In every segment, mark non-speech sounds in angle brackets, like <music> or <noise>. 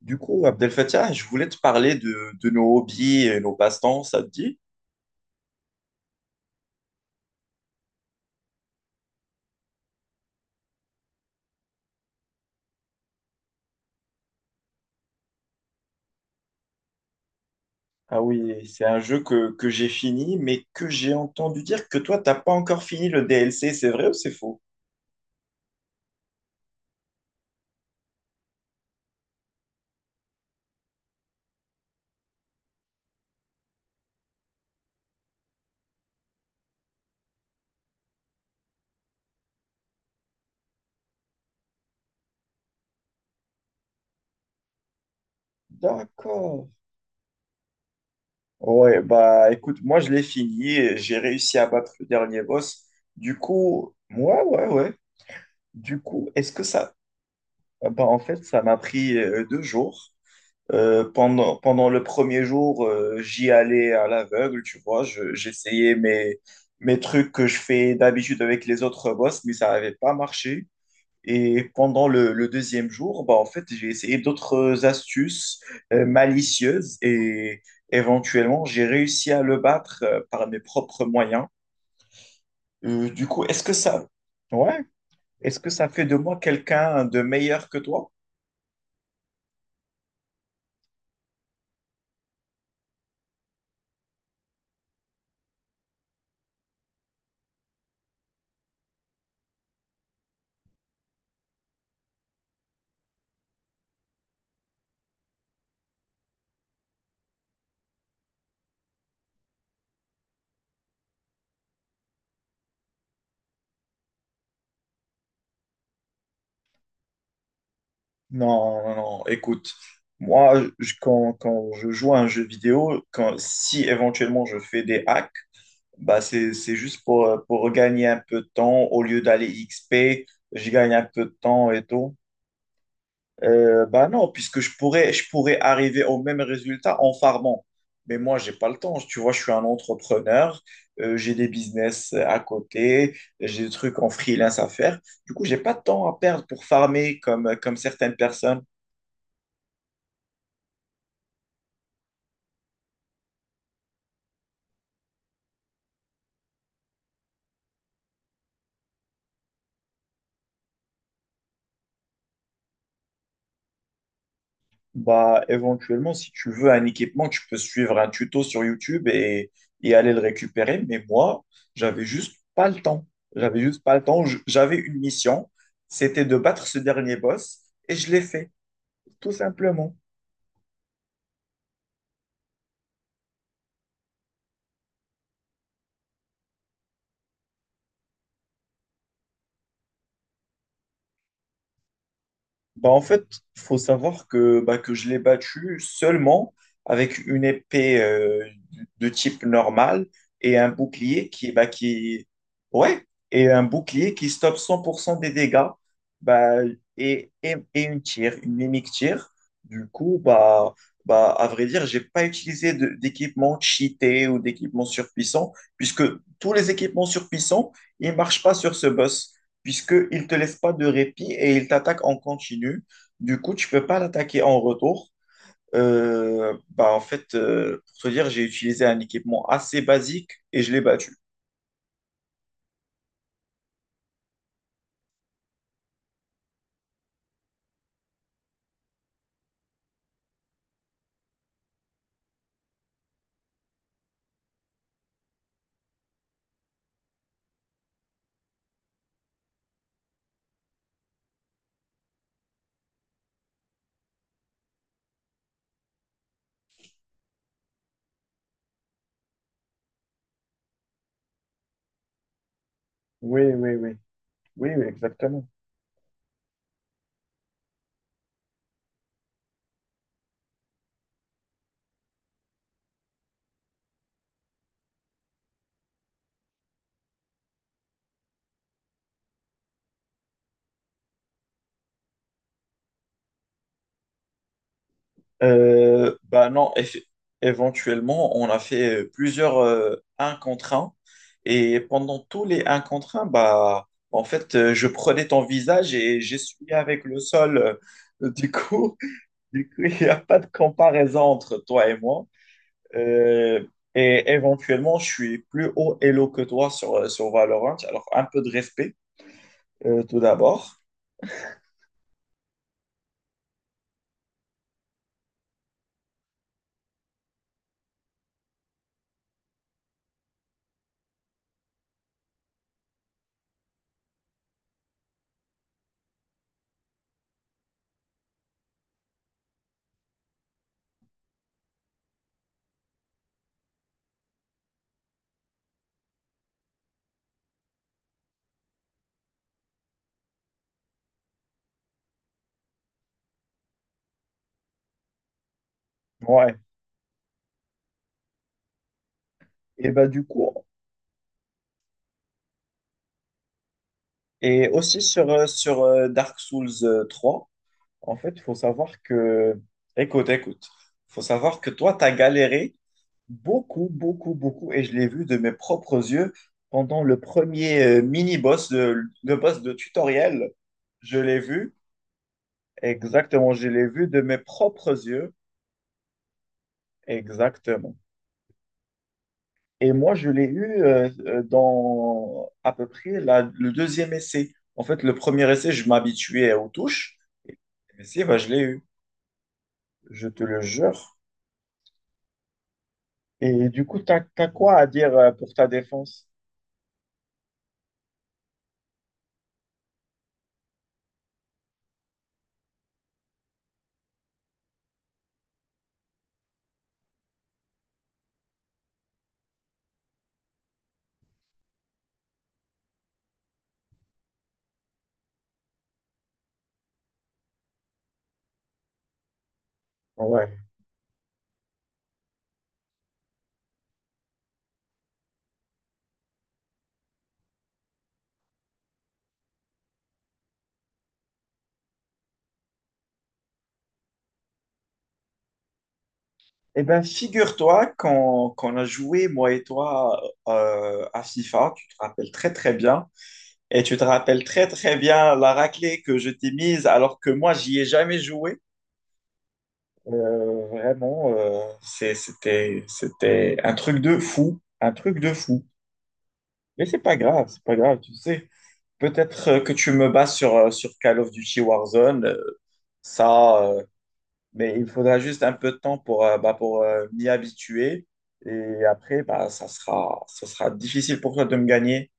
Du coup, Abdel Fattah, je voulais te parler de nos hobbies et nos passe-temps, ça te dit? Ah oui, c'est un jeu que j'ai fini, mais que j'ai entendu dire que toi, t'as pas encore fini le DLC. C'est vrai ou c'est faux? D'accord. Ouais, bah écoute, moi je l'ai fini, et j'ai réussi à battre le dernier boss. Du coup, ouais, ouais, ouais. Du coup, est-ce que ça... Bah en fait, ça m'a pris deux jours. Pendant le premier jour, j'y allais à l'aveugle, tu vois. J'essayais mes, mes trucs que je fais d'habitude avec les autres boss, mais ça n'avait pas marché. Et pendant le deuxième jour, bah, en fait, j'ai essayé d'autres astuces malicieuses et éventuellement, j'ai réussi à le battre par mes propres moyens. Du coup, est-ce que ça, ouais, est-ce que ça fait de moi quelqu'un de meilleur que toi? Non, non, non. Écoute, moi, quand, quand je joue à un jeu vidéo, quand, si éventuellement je fais des hacks, bah c'est juste pour gagner un peu de temps. Au lieu d'aller XP, je gagne un peu de temps et tout. Bah non, puisque je pourrais arriver au même résultat en farmant. Mais moi, j'ai pas le temps. Tu vois, je suis un entrepreneur, j'ai des business à côté, j'ai des trucs en freelance à faire. Du coup, j'ai pas de temps à perdre pour farmer comme certaines personnes. Bah, éventuellement, si tu veux un équipement, tu peux suivre un tuto sur YouTube et aller le récupérer. Mais moi, j'avais juste pas le temps. J'avais juste pas le temps. J'avais une mission, c'était de battre ce dernier boss et je l'ai fait, tout simplement. Bah, en fait, il faut savoir que, bah, que je l'ai battu seulement avec une épée de type normal et un bouclier qui, bah, qui... Ouais, et un bouclier qui stoppe 100% des dégâts bah, et une tire, une mimic tire. Du coup, bah, bah, à vrai dire, j'ai pas utilisé d'équipement cheaté ou d'équipement surpuissant puisque tous les équipements surpuissants, ils marchent pas sur ce boss puisqu'il ne te laisse pas de répit et il t'attaque en continu. Du coup, tu ne peux pas l'attaquer en retour. Bah, en fait, pour te dire, j'ai utilisé un équipement assez basique et je l'ai battu. Oui, oui, oui. Oui, oui, exactement. Bah non, éventuellement, on a fait plusieurs un contre un. Et pendant tous les un contre un bah, en fait, je prenais ton visage et j'essuyais avec le sol. Euh, Du coup, Du coup, <laughs> il n'y a pas de comparaison entre toi et moi. Euh, et éventuellement, je suis plus haut elo que toi sur Valorant. Alors, un peu de respect, tout d'abord. Ouais. Et bah, du coup, et aussi sur, sur Dark Souls 3, en fait, il faut savoir que. Écoute, écoute. Il faut savoir que toi, tu as galéré beaucoup, beaucoup, beaucoup. Et je l'ai vu de mes propres yeux pendant le premier mini-boss, le boss de tutoriel. Je l'ai vu. Exactement, je l'ai vu de mes propres yeux, exactement. Et moi, je l'ai eu dans à peu près le deuxième essai. En fait, le premier essai, je m'habituais aux touches. Et le deuxième essai, bah, je l'ai eu, je te le jure. Et du coup, t'as quoi à dire pour ta défense? Ouais. Eh bien, figure-toi qu'on a joué, moi et toi, à FIFA, tu te rappelles très très bien. Et tu te rappelles très très bien la raclée que je t'ai mise alors que moi, j'y ai jamais joué. Vraiment, c'était, c'était un truc de fou, un truc de fou. Mais c'est pas grave, tu sais. Peut-être que tu me bats sur, sur Call of Duty Warzone, ça, mais il faudra juste un peu de temps pour, bah, pour m'y habituer. Et après, bah, ça sera difficile pour toi de me gagner.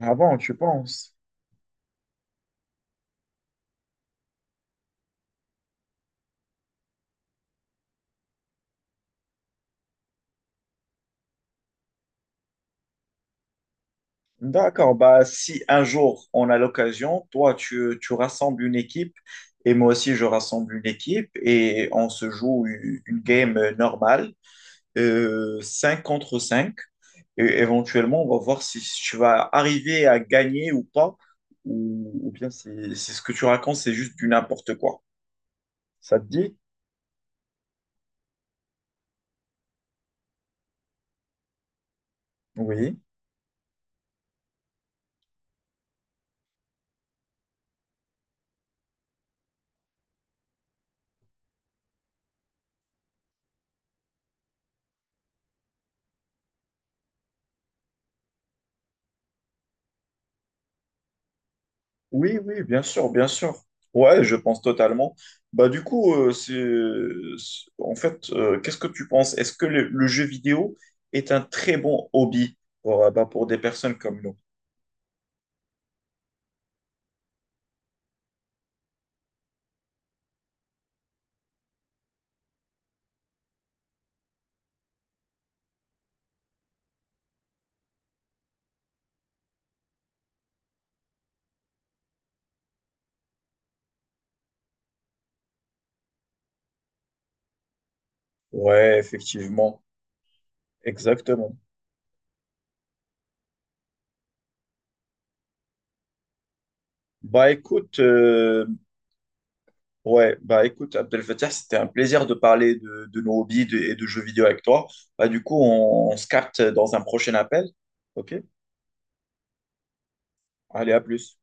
Avant, tu penses? D'accord, bah, si un jour on a l'occasion, toi tu, tu rassembles une équipe et moi aussi je rassemble une équipe et on se joue une game normale, 5 contre cinq. Et éventuellement, on va voir si tu vas arriver à gagner ou pas, ou bien si, si ce que tu racontes c'est juste du n'importe quoi. Ça te dit? Oui. Oui, oui, bien sûr, bien sûr. Ouais, je pense totalement. Bah du coup, c'est, en fait, qu'est-ce que tu penses? Est-ce que le jeu vidéo est un très bon hobby pour, bah, pour des personnes comme nous? Ouais, effectivement, exactement. Bah écoute, ouais, bah écoute, Abdel Fattah, c'était un plaisir de parler de nos hobbies et de jeux vidéo avec toi. Bah du coup, on se capte dans un prochain appel. Ok? Allez, à plus.